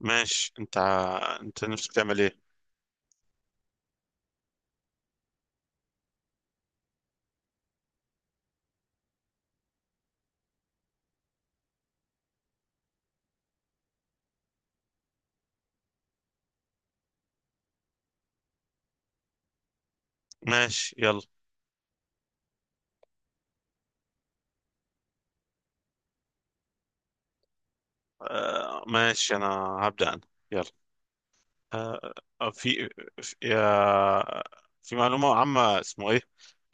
ماشي. انت نفسك تعمل ايه؟ ماشي، يلا. آه، ماشي. انا هبدأ انا، يلا. آه آه، في في, يا- في معلومة عامة، اسمه ايه؟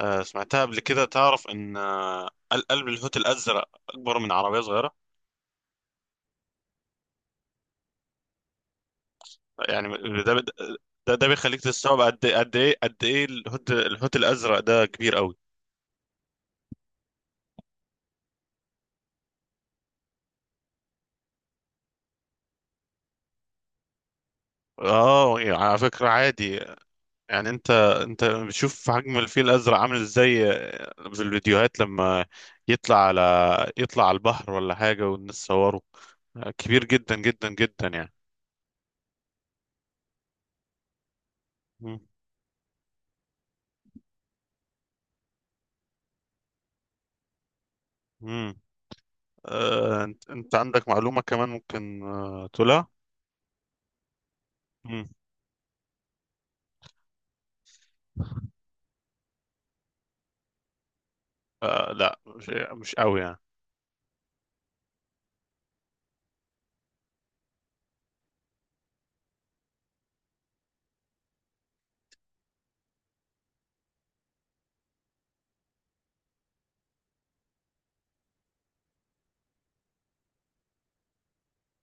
سمعتها قبل كده. تعرف ان قلب الحوت الازرق اكبر من عربية صغيرة. يعني ده ده بيخليك تستوعب قد ايه الحوت الازرق ده كبير قوي. اه، على فكرة، عادي. يعني انت بتشوف حجم الفيل الازرق عامل ازاي في الفيديوهات لما يطلع على يطلع على البحر ولا حاجه، والناس صوره؟ كبير جدا جدا جدا يعني. مم. مم. انت عندك معلومه كمان ممكن تقولها؟ مم. لا، مش قوي يعني.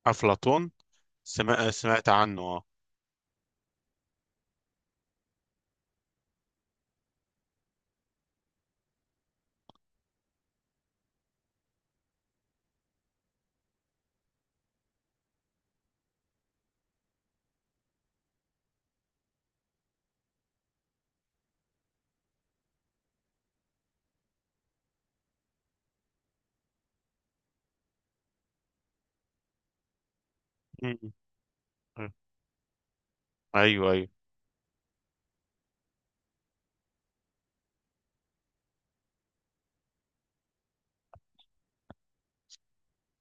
افلاطون، سمعت عنه، اه. مم. ايوه، ايوه.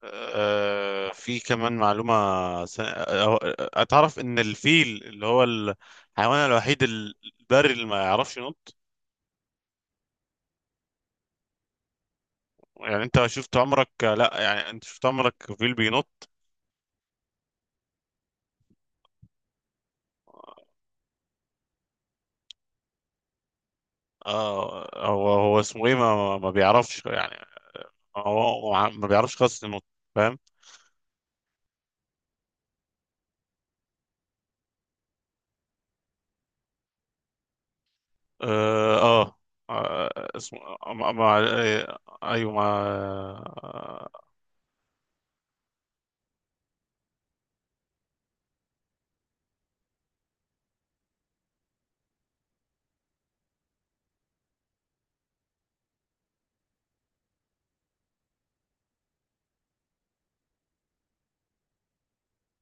في كمان معلومة. أتعرف إن الفيل اللي هو الحيوان الوحيد البري اللي ما يعرفش ينط؟ يعني أنت شفت عمرك لا يعني أنت شفت عمرك فيل بينط؟ هو اسمه إيه، ما بيعرفش يعني. هو ما بيعرفش خالص ينط. فاهم؟ آه، آه، آه اسمه ما ما- أيوه ما. آه،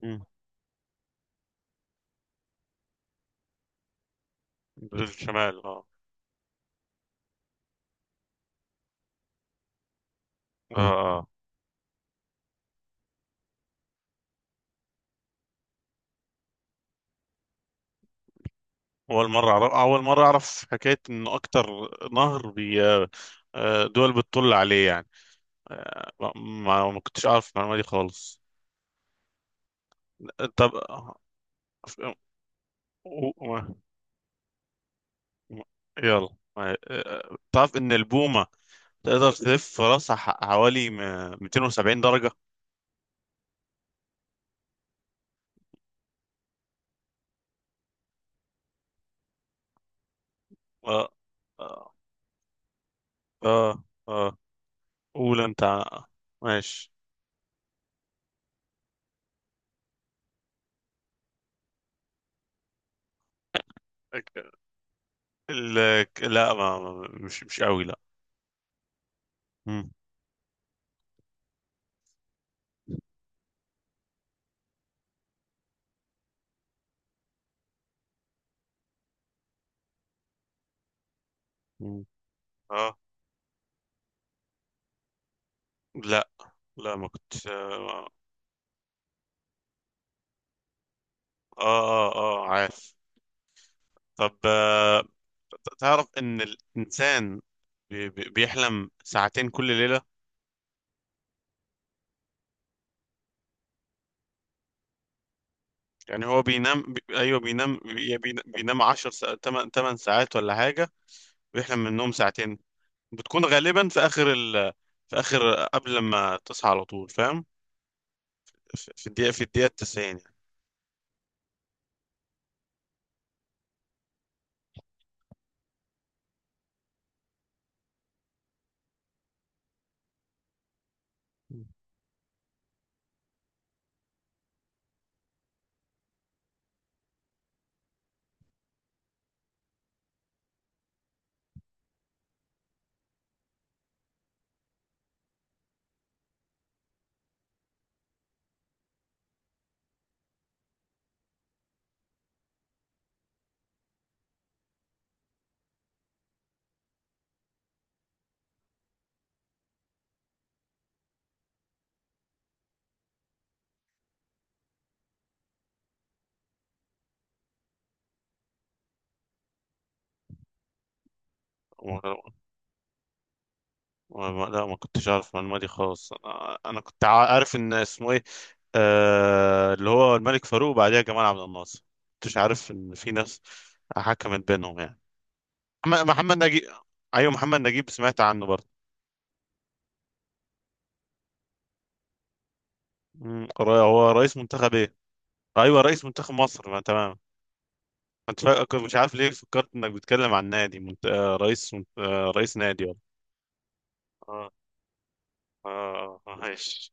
مم، بالشمال. آه. آه، آه. اول مره اعرف حكايه ان اكتر نهر بي آه، دول بتطل عليه يعني. آه، ما كنتش اعرف المعلومه دي خالص. طب، و- و- يلا. تعرف ان البومه تقدر تلف راسها حوالي 270 درجه؟ اه، اه، اه، آه. قول انت. ماشي. ال- لا، مش قوي، لا. مم. مم. اه، لا، لا، ما كنت. اه، اه، اه، عارف. طب، تعرف ان الانسان بيحلم ساعتين كل ليله؟ يعني هو بينام. ايوه، بينام. بينام 10. 8 8 ساعات ولا حاجه. ويحلم منهم ساعتين. بتكون غالبا في اخر، قبل ما تصحى على طول، فاهم. في الدقيقه 90. يعني، لا، ما كنتش اعرف المعلومه دي خالص. انا كنت عارف ان اسمه ايه، اللي هو الملك فاروق وبعديها جمال عبد الناصر. كنتش عارف ان في ناس حكمت بينهم يعني. محمد نجيب. ايوه، محمد نجيب، سمعت عنه برضه. هو رئيس منتخب، ايه؟ ايوه، رئيس منتخب مصر، ما، تمام. كنت مش عارف ليه فكرت انك بتتكلم عن نادي منت... آه، رئيس منت... آه، رئيس نادي، ولا؟ اه. اه، ماشي.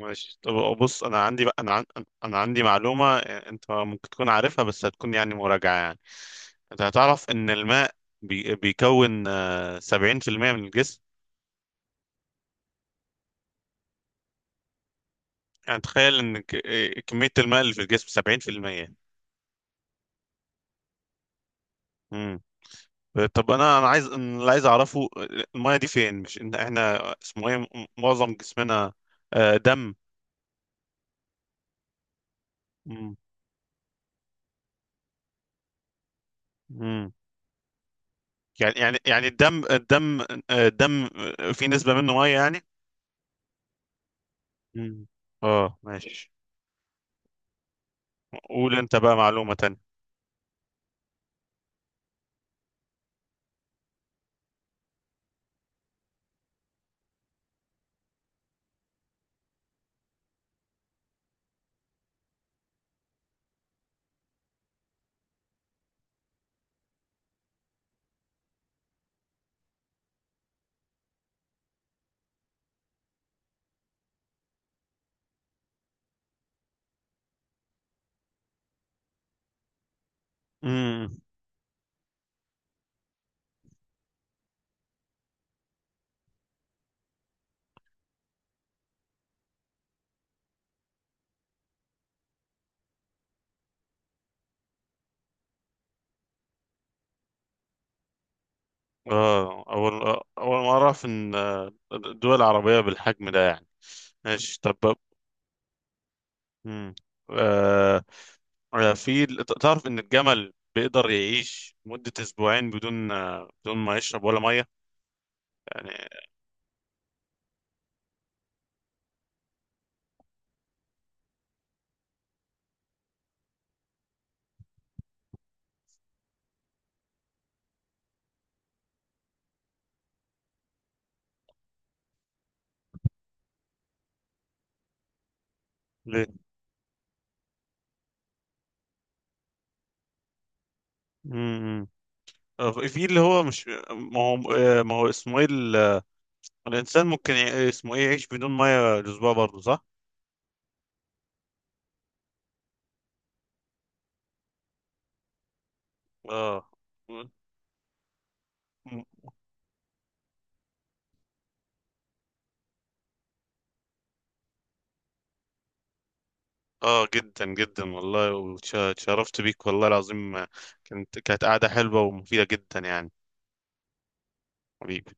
ماشي، طب، بص. انا عندي بقى. انا عندي معلومه، انت ممكن تكون عارفها بس هتكون يعني مراجعه يعني. انت هتعرف ان الماء بيكون 70% من الجسم. يعني تخيل ان ك... آه، كميه الماء اللي في الجسم 70%. امم، طب. انا انا عايز أنا اللي عايز اعرفه، الميه دي فين، مش ان احنا اسمه ايه معظم جسمنا. دم. امم. امم. يعني الدم، في نسبه منه ميه يعني. امم، اه، ماشي. قول انت بقى معلومة تانية. امم، اه، اول ما اعرف ان الدول العربية بالحجم ده يعني. ماشي، طب. امم، آه في. تعرف ان الجمل بيقدر يعيش مدة اسبوعين بدون ما يشرب ولا مية يعني. ليه؟ امم، في اللي هو مش ما هو، ما هو اسمه ايه، الانسان ممكن يع- اسمه ايه يعيش بدون مية الاسبوع برضه، صح؟ اه، اه، جدا جدا والله، وتشرفت بيك والله العظيم. كانت قاعدة حلوة ومفيدة جدا يعني. حبيبي.